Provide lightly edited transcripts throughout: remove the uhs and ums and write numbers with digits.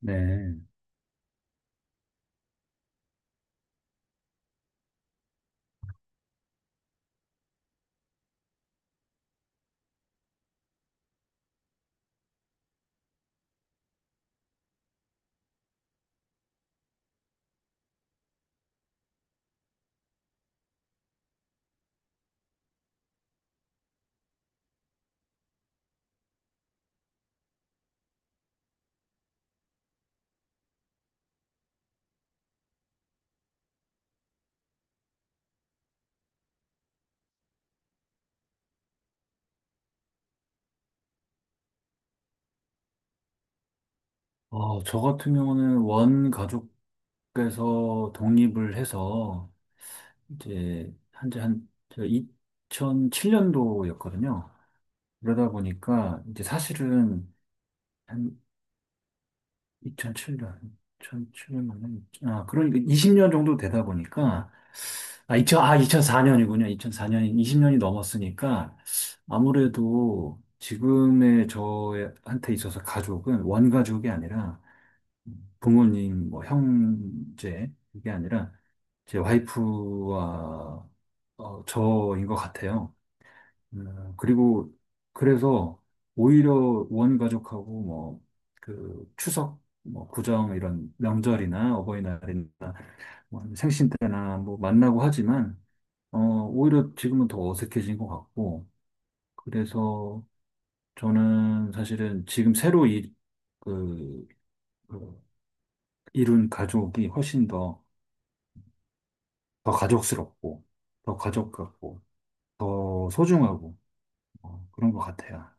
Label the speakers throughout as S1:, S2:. S1: 네. 저 같은 경우는 원 가족께서 독립을 해서 이제 한지 한 2007년도였거든요. 그러다 보니까 이제 사실은 한 2007년, 2007년 맞나요? 아, 그러니까 20년 정도 되다 보니까 아, 2 0 0 아, 2004년이군요. 2004년, 20년이 넘었으니까 아무래도 지금의 저한테 있어서 가족은 원가족이 아니라 부모님, 뭐 형제 이게 아니라 제 와이프와 저인 것 같아요. 그리고 그래서 오히려 원가족하고 뭐 그 추석, 뭐 구정 이런 명절이나 어버이날이나 뭐 생신 때나 뭐 만나고 하지만 오히려 지금은 더 어색해진 것 같고, 그래서 저는 사실은 지금 새로 이, 그, 그 이룬 가족이 훨씬 더 가족스럽고, 더 가족 같고, 더 소중하고, 그런 것 같아요.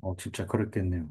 S1: 진짜 그렇겠네요.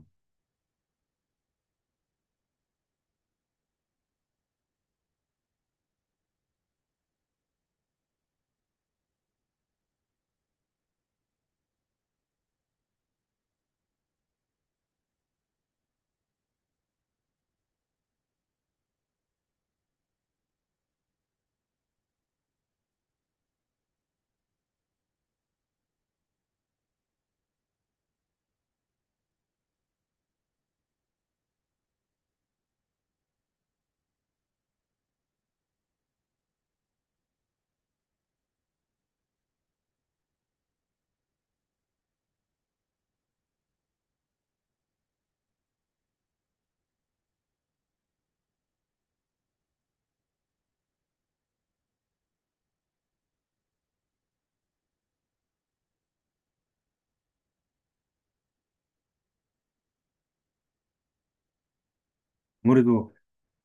S1: 아무래도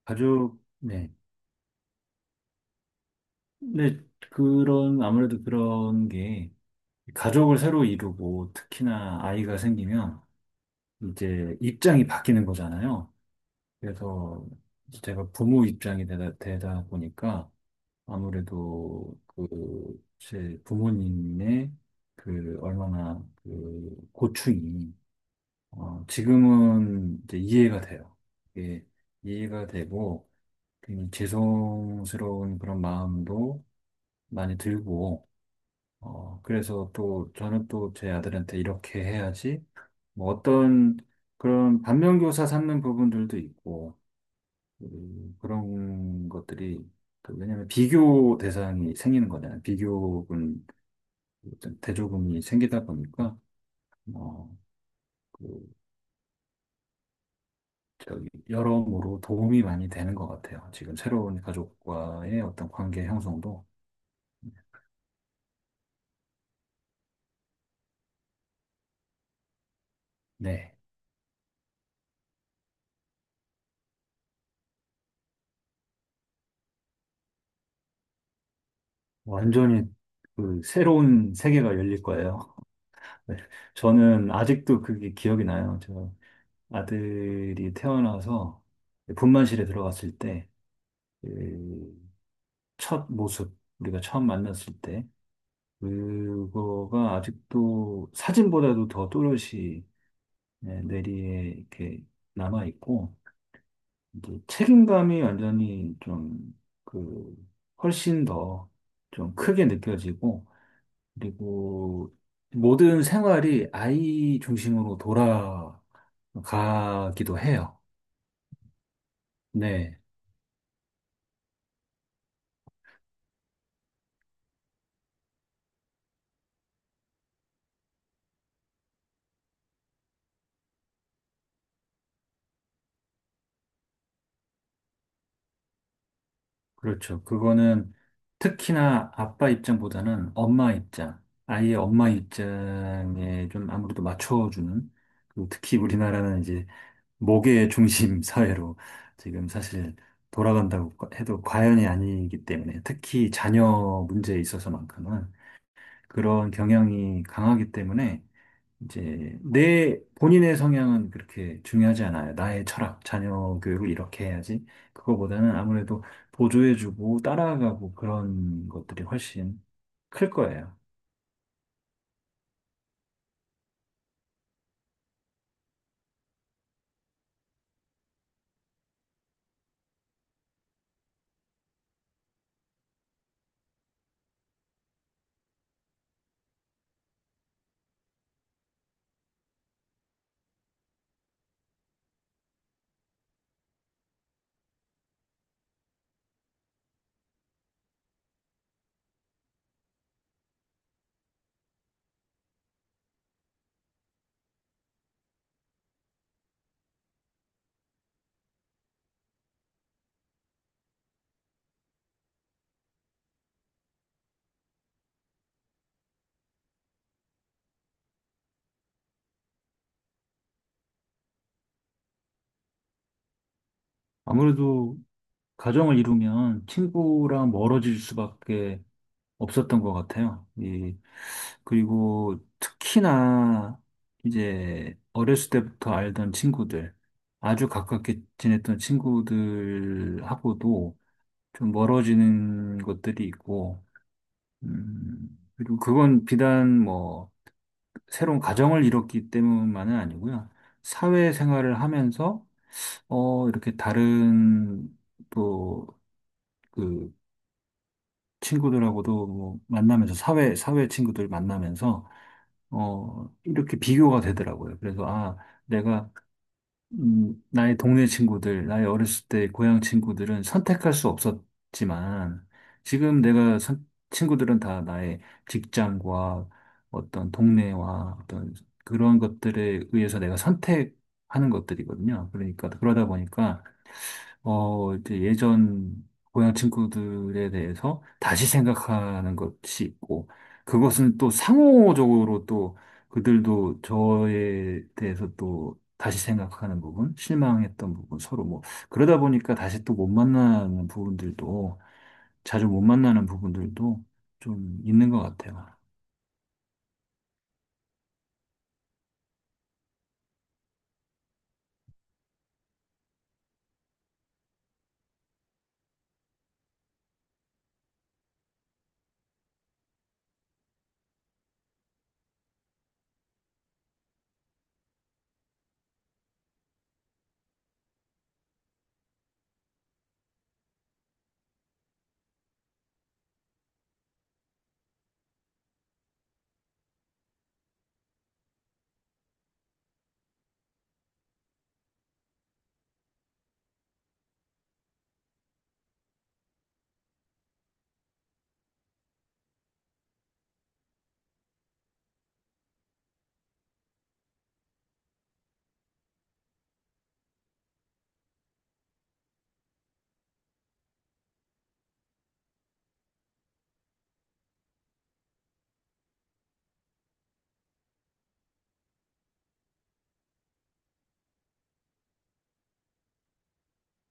S1: 가족, 네. 근데 아무래도 그런 게, 가족을 새로 이루고, 특히나 아이가 생기면, 이제 입장이 바뀌는 거잖아요. 그래서 제가 부모 입장이 되다 보니까, 아무래도 그, 제 부모님의 그, 얼마나 그, 고충이, 지금은 이제 이해가 돼요. 이게 이해가 되고, 굉장히 죄송스러운 그런 마음도 많이 들고, 그래서 또 저는 또 제 아들한테 이렇게 해야지, 뭐 어떤 그런 반면교사 삼는 부분들도 있고, 그런 것들이, 그 왜냐면 비교 대상이 생기는 거잖아요. 비교군, 어떤 대조군이 생기다 보니까, 어, 그 저기 여러모로 도움이 많이 되는 것 같아요. 지금 새로운 가족과의 어떤 관계 형성도. 네, 완전히 그 새로운 세계가 열릴 거예요. 네, 저는 아직도 그게 기억이 나요. 저 아들이 태어나서 분만실에 들어갔을 때, 그첫 모습, 우리가 처음 만났을 때, 그거가 아직도 사진보다도 더 또렷이, 네, 뇌리에 이렇게 남아있고, 이제 책임감이 완전히 좀, 그, 훨씬 더 좀 크게 느껴지고, 그리고 모든 생활이 아이 중심으로 돌아가기도 해요. 네, 그렇죠. 그거는 특히나 아빠 입장보다는 엄마 입장, 아이의 엄마 입장에 좀 아무래도 맞춰주는, 그리고 특히 우리나라는 이제 목의 중심 사회로 지금 사실 돌아간다고 해도 과연이 아니기 때문에, 특히 자녀 문제에 있어서만큼은 그런 경향이 강하기 때문에 이제 내 본인의 성향은 그렇게 중요하지 않아요. 나의 철학, 자녀 교육을 이렇게 해야지. 그거보다는 아무래도 보조해주고 따라가고 그런 것들이 훨씬 클 거예요. 아무래도 가정을 이루면 친구랑 멀어질 수밖에 없었던 것 같아요. 이, 그리고 특히나 이제 어렸을 때부터 알던 친구들, 아주 가깝게 지냈던 친구들하고도 좀 멀어지는 것들이 있고, 그리고 그건 비단 뭐 새로운 가정을 이뤘기 때문만은 아니고요. 사회생활을 하면서 이렇게 다른 또 그 친구들하고도 뭐 만나면서 사회 친구들 만나면서 이렇게 비교가 되더라고요. 그래서, 아, 내가, 나의 동네 친구들, 나의 어렸을 때 고향 친구들은 선택할 수 없었지만, 지금 내가 친구들은 다 나의 직장과 어떤 동네와 어떤 그런 것들에 의해서 내가 선택하는 것들이거든요. 그러니까, 그러다 보니까, 이제 예전 고향 친구들에 대해서 다시 생각하는 것이 있고, 그것은 또 상호적으로 또 그들도 저에 대해서 또 다시 생각하는 부분, 실망했던 부분, 서로 뭐, 그러다 보니까 다시 또 못 만나는 부분들도, 자주 못 만나는 부분들도 좀 있는 것 같아요.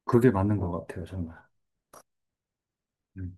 S1: 그게 맞는 것 같아요, 정말. 음.